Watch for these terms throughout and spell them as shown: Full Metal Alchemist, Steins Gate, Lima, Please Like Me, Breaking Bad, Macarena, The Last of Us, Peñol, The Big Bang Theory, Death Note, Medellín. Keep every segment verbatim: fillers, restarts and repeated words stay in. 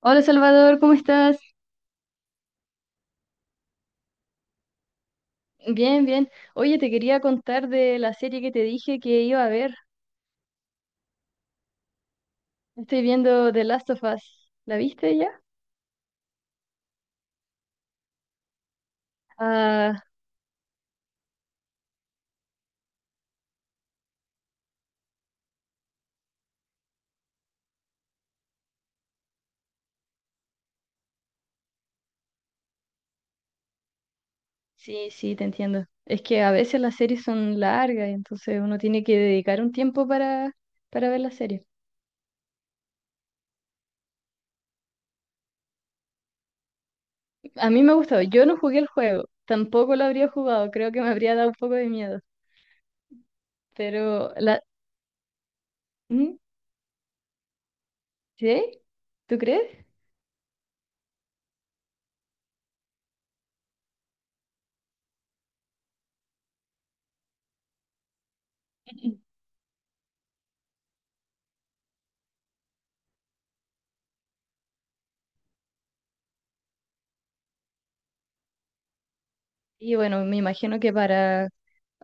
Hola Salvador, ¿cómo estás? Bien, bien. Oye, te quería contar de la serie que te dije que iba a ver. Estoy viendo The Last of Us. ¿La viste ya? Ah, sí, sí, te entiendo. Es que a veces las series son largas y entonces uno tiene que dedicar un tiempo para, para ver la serie. A mí me ha gustado. Yo no jugué el juego, tampoco lo habría jugado. Creo que me habría dado un poco de miedo. Pero la. ¿Mm? ¿Sí? ¿Tú crees? Y bueno, me imagino que para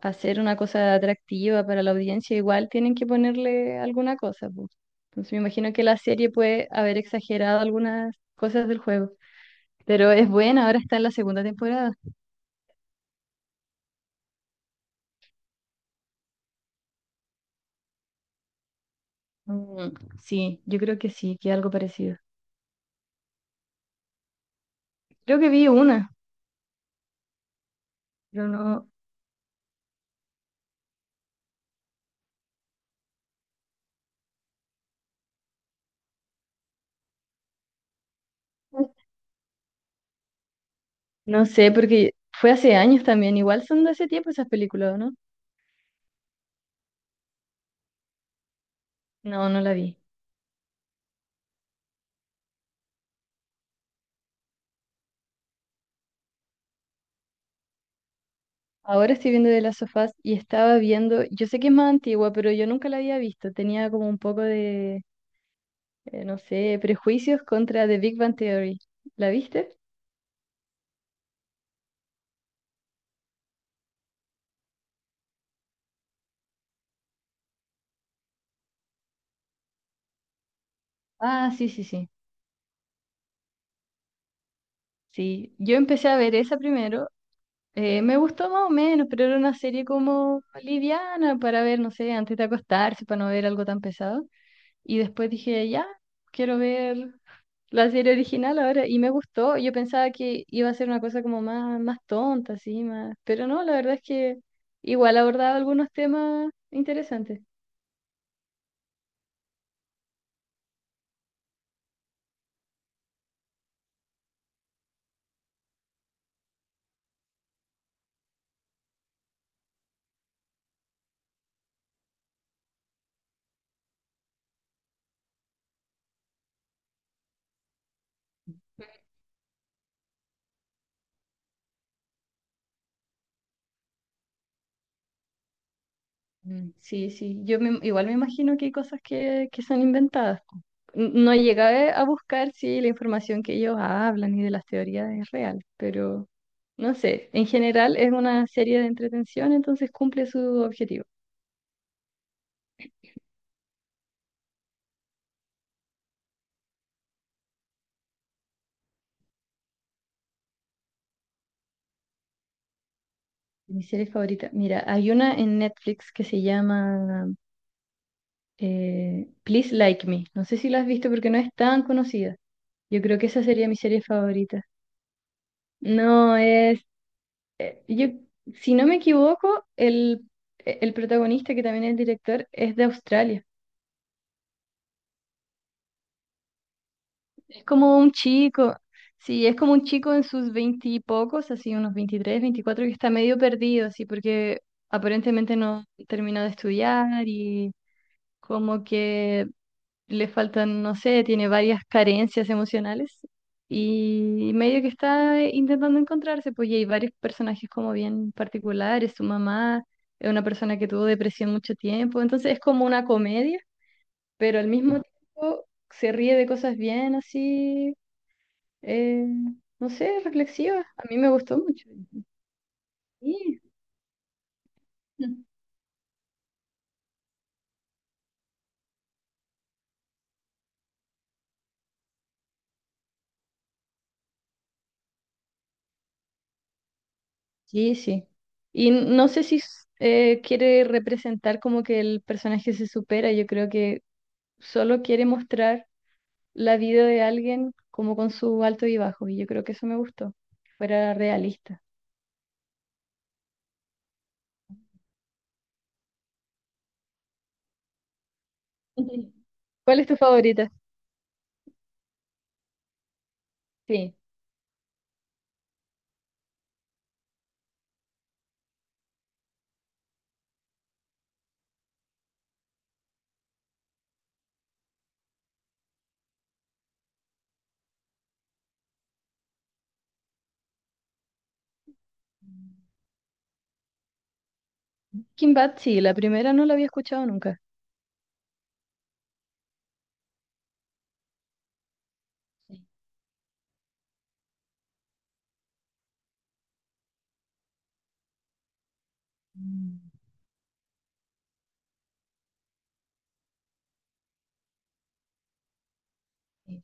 hacer una cosa atractiva para la audiencia, igual tienen que ponerle alguna cosa, po. Entonces me imagino que la serie puede haber exagerado algunas cosas del juego, pero es buena, ahora está en la segunda temporada. Mm, sí, yo creo que sí, que algo parecido. Creo que vi una, pero no, no sé, porque fue hace años también, igual son de hace tiempo esas películas, ¿o no? No, no la vi. Ahora estoy viendo de las sofás y estaba viendo, yo sé que es más antigua, pero yo nunca la había visto, tenía como un poco de eh, no sé, prejuicios contra The Big Bang Theory. ¿La viste? Ah, sí, sí, sí. Sí, yo empecé a ver esa primero. eh, me gustó más o menos, pero era una serie como liviana para ver, no sé, antes de acostarse, para no ver algo tan pesado. Y después dije, ya, quiero ver la serie original ahora. Y me gustó. Yo pensaba que iba a ser una cosa como más, más tonta, así, más. Pero no, la verdad es que igual abordaba algunos temas interesantes. Mm, sí, sí, yo me- igual me imagino que hay cosas que, que son inventadas. N- No llegué a buscar si la información que ellos hablan y de las teorías es real, pero no sé, en general es una serie de entretención, entonces cumple su objetivo. Mi serie favorita, mira, hay una en Netflix que se llama eh, Please Like Me. No sé si la has visto porque no es tan conocida. Yo creo que esa sería mi serie favorita. No, es eh, yo, si no me equivoco, el, el protagonista, que también es el director, es de Australia. Es como un chico, sí, es como un chico en sus veintipocos, así unos veintitrés veinticuatro que está medio perdido, así, porque aparentemente no terminó de estudiar y como que le faltan, no sé, tiene varias carencias emocionales y medio que está intentando encontrarse, pues y hay varios personajes como bien particulares, su mamá es una persona que tuvo depresión mucho tiempo, entonces es como una comedia, pero al mismo tiempo se ríe de cosas bien así, eh, no sé, reflexivas, a mí me gustó mucho. Sí, sí. Sí. Y no sé si eh, quiere representar como que el personaje se supera, yo creo que solo quiere mostrar la vida de alguien como con su alto y bajo, y yo creo que eso me gustó, que fuera realista. Ujú. ¿Cuál es tu favorita? Sí. Kim Bat, sí, la primera no la había escuchado nunca. Sí. Mm, sí.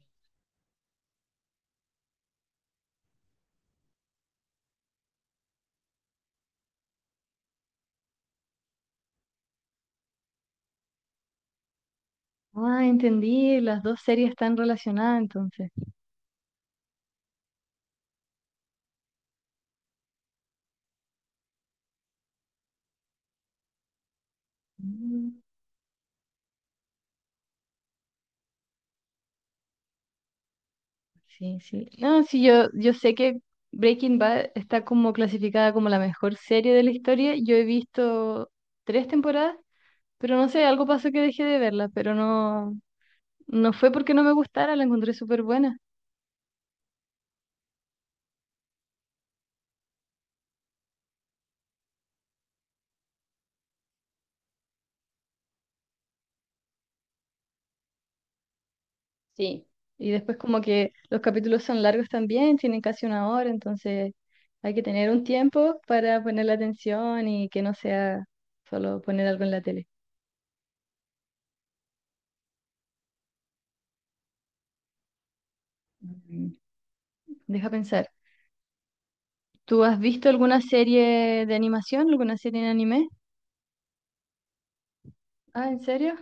Ah, entendí, las dos series están relacionadas entonces. Mm. Sí, sí. No, sí, yo, yo sé que Breaking Bad está como clasificada como la mejor serie de la historia. Yo he visto tres temporadas, pero no sé, algo pasó que dejé de verla, pero no. No fue porque no me gustara, la encontré súper buena. Sí, y después como que los capítulos son largos también, tienen casi una hora, entonces hay que tener un tiempo para poner la atención y que no sea solo poner algo en la tele. Mm. Deja pensar. ¿Tú has visto alguna serie de animación, alguna serie en anime? Ah, ¿en serio?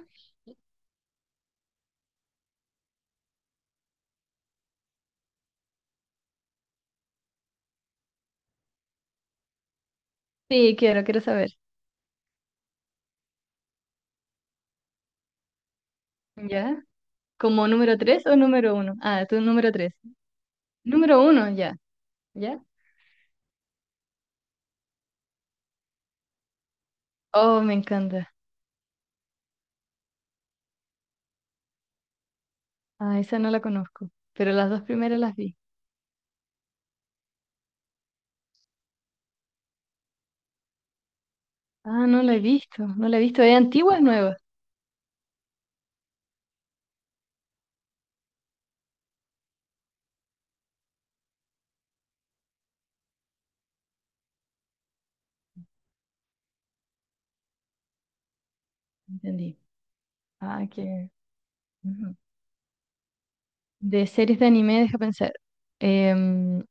Sí, quiero, quiero saber. ¿Ya? ¿Como número tres o número uno? Ah, ¿tú número tres? Número uno, ya. ¿Ya? Oh, me encanta. Ah, esa no la conozco, pero las dos primeras las vi. Ah, no la he visto, no la he visto. ¿Es antigua o es nueva? Entendí. Ah, que. Ujú. De series de anime, deja pensar. Em,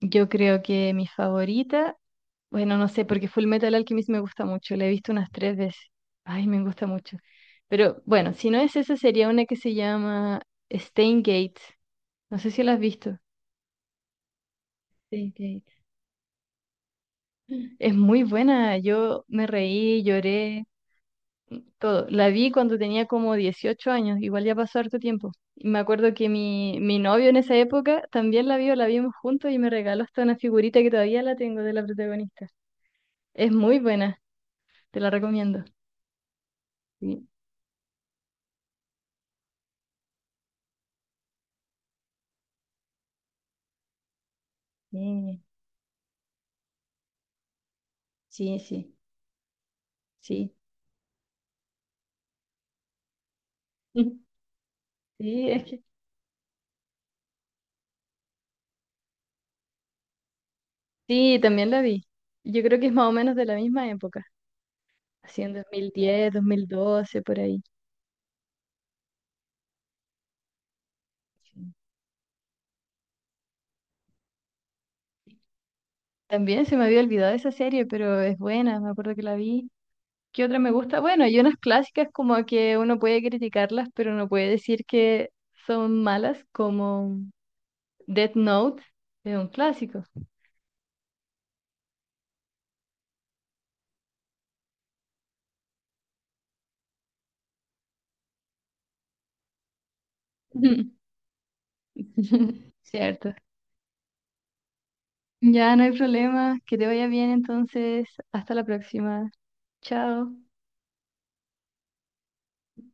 yo creo que mi favorita, bueno, no sé, porque Full Metal Alchemist me gusta mucho, la he visto unas tres veces. Ay, me gusta mucho. Pero bueno, si no es esa, sería una que se llama Steins Gate. No sé si la has visto. Steins Gate. Es muy buena, yo me reí, lloré, todo. La vi cuando tenía como dieciocho años, igual ya pasó harto tiempo. Y me acuerdo que mi, mi novio en esa época también la vio, la vimos juntos y me regaló hasta una figurita que todavía la tengo de la protagonista. Es muy buena, te la recomiendo. Sí, sí, sí, sí. Sí, sí, es que sí, también la vi. Yo creo que es más o menos de la misma época, así en dos mil diez, dos mil doce, por ahí. Sí. También se me había olvidado esa serie, pero es buena, me acuerdo que la vi. ¿Qué otra me gusta? Bueno, hay unas clásicas como que uno puede criticarlas, pero no puede decir que son malas, como Death Note, es un clásico. Cierto. Ya no hay problema. Que te vaya bien entonces. Hasta la próxima. Chao.